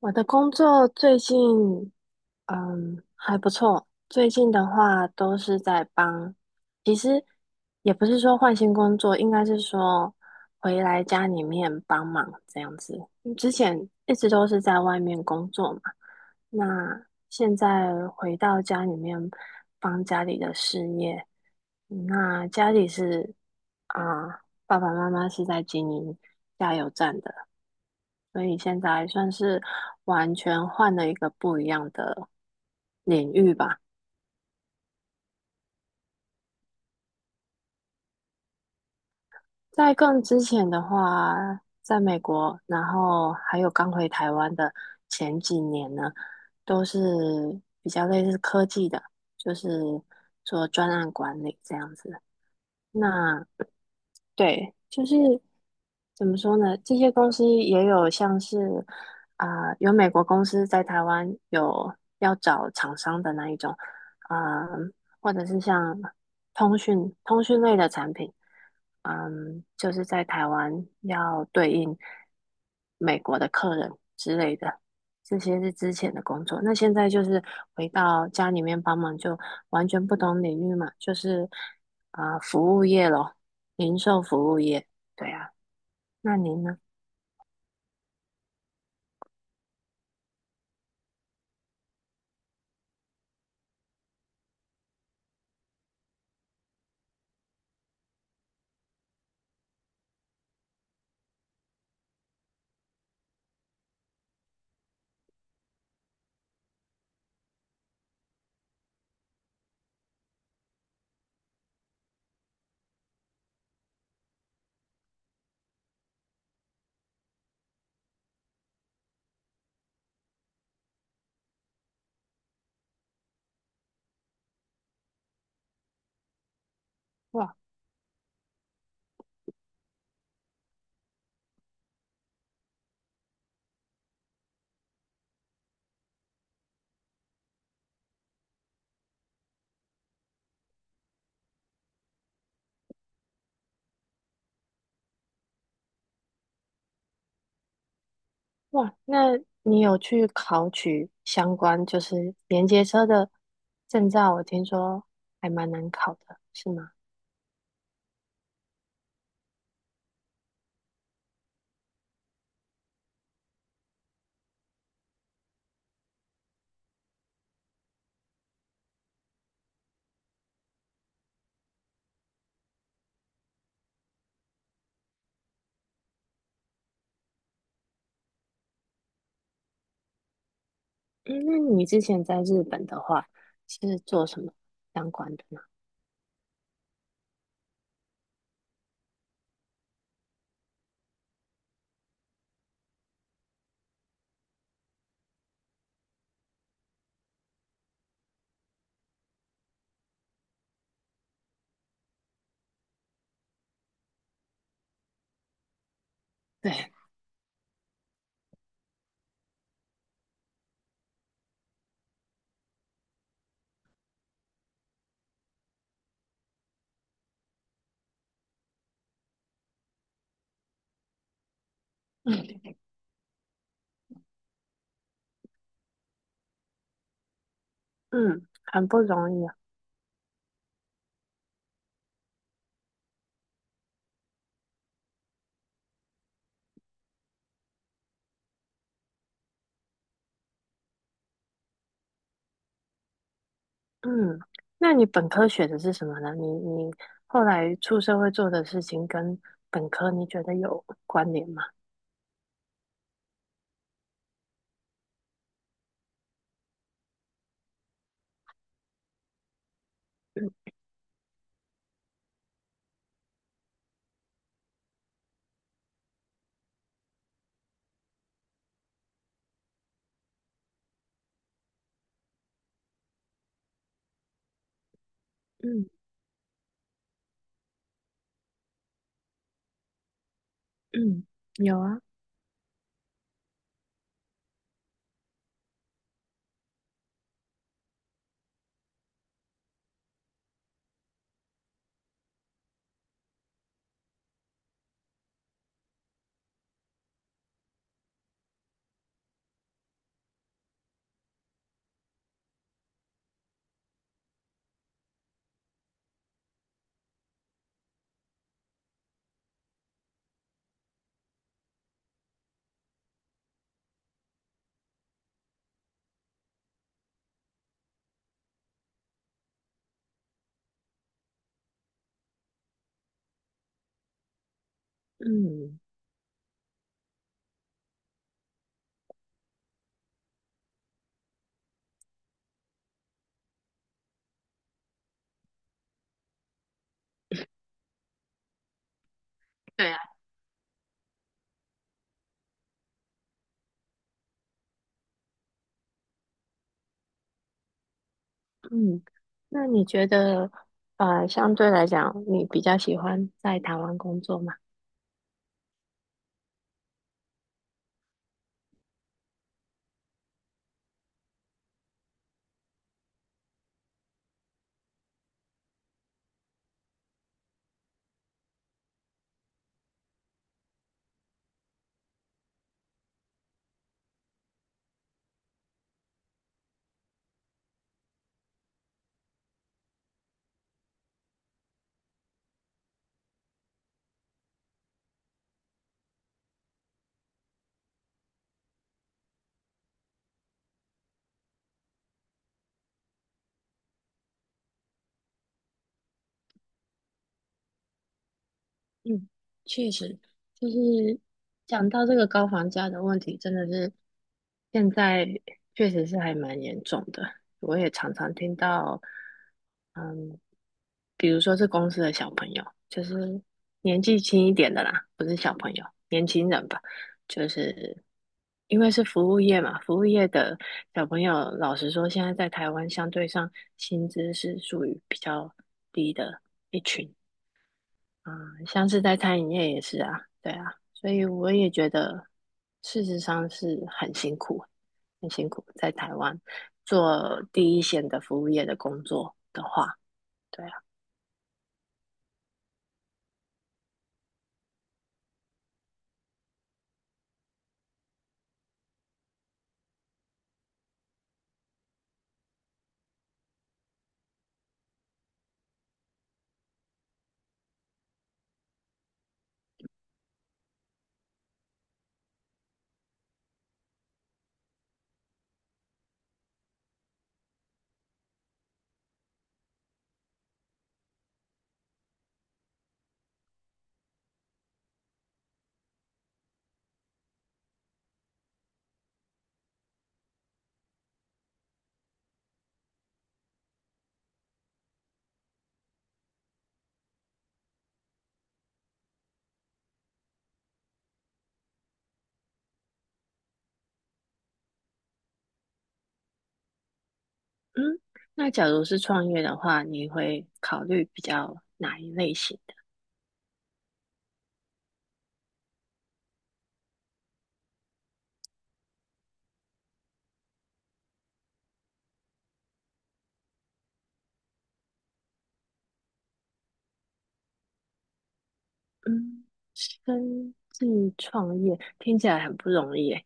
我的工作最近，嗯，还不错。最近的话都是在帮，其实也不是说换新工作，应该是说回来家里面帮忙这样子。嗯之前一直都是在外面工作嘛，那现在回到家里面帮家里的事业。嗯那家里是啊，爸爸妈妈是在经营加油站的。所以现在算是完全换了一个不一样的领域吧。在更之前的话，在美国，然后还有刚回台湾的前几年呢，都是比较类似科技的，就是做专案管理这样子。那对，就是怎么说呢？这些公司也有像是有美国公司在台湾有要找厂商的那一种，嗯、或者是像通讯类的产品，嗯，就是在台湾要对应美国的客人之类的，这些是之前的工作。那现在就是回到家里面帮忙，就完全不同领域嘛，就是服务业咯。零售服务业，对啊。那您呢？哇哇，那你有去考取相关就是连接车的证照？我听说还蛮难考的，是吗？嗯，那你之前在日本的话是做什么相关的呢？对，嗯，很不容易啊。嗯，那你本科学的是什么呢？你后来出社会做的事情跟本科你觉得有关联吗？嗯嗯，有啊，嗯。对啊。嗯，那你觉得，相对来讲，你比较喜欢在台湾工作吗？嗯，确实，就是讲到这个高房价的问题，真的是，现在确实是还蛮严重的，我也常常听到，嗯，比如说是公司的小朋友，就是年纪轻一点的啦，不是小朋友，年轻人吧，就是因为是服务业嘛，服务业的小朋友，老实说，现在在台湾相对上薪资是属于比较低的一群，嗯，像是在餐饮业也是啊，对啊，所以我也觉得，事实上是很辛苦，很辛苦。在台湾做第一线的服务业的工作的话，对啊，嗯，那假如是创业的话，你会考虑比较哪一类型的？嗯，生计创业听起来很不容易诶，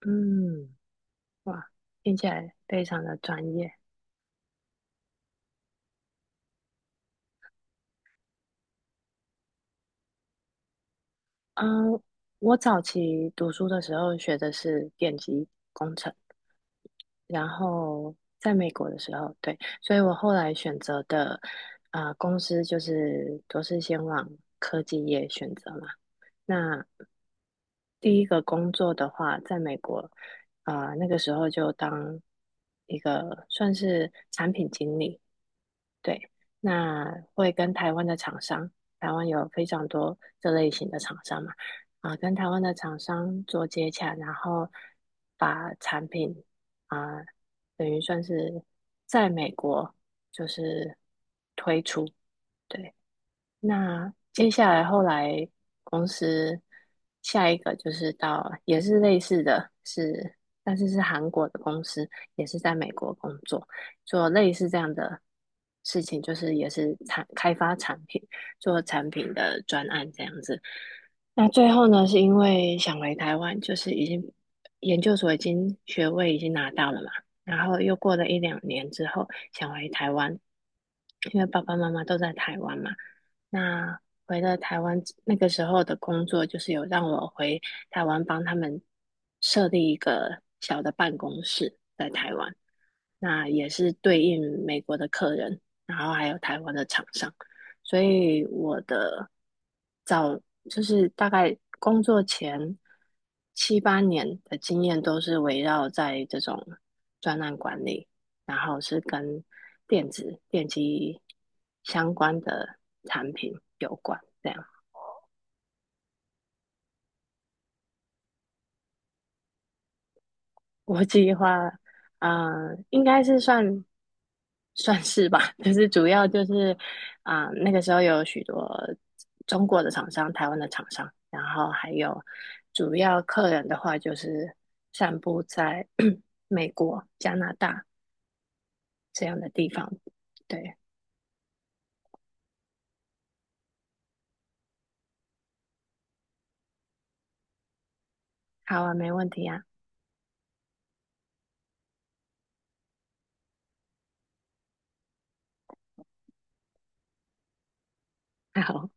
嗯，哇，听起来非常的专业。嗯，我早期读书的时候学的是电机工程，然后在美国的时候，对，所以我后来选择的公司就是都是先往科技业选择嘛。那第一个工作的话，在美国，那个时候就当一个算是产品经理，对，那会跟台湾的厂商，台湾有非常多这类型的厂商嘛，跟台湾的厂商做接洽，然后把产品啊、等于算是在美国就是推出，对，那接下来后来公司下一个就是到也是类似的是，但是是韩国的公司，也是在美国工作，做类似这样的事情，就是也是产开发产品，做产品的专案这样子。那最后呢，是因为想回台湾，就是已经研究所已经学位已经拿到了嘛，然后又过了一两年之后想回台湾，因为爸爸妈妈都在台湾嘛。那回了台湾，那个时候的工作就是有让我回台湾帮他们设立一个小的办公室在台湾，那也是对应美国的客人，然后还有台湾的厂商，所以我的早就是大概工作前七八年的经验都是围绕在这种专案管理。然后是跟电子电机相关的产品有关。这样，我计划，应该是算算是吧，就是主要就是那个时候有许多中国的厂商、台湾的厂商，然后还有主要客人的话，就是散布在 美国、加拿大这样的地方。对，好啊，没问题啊，好。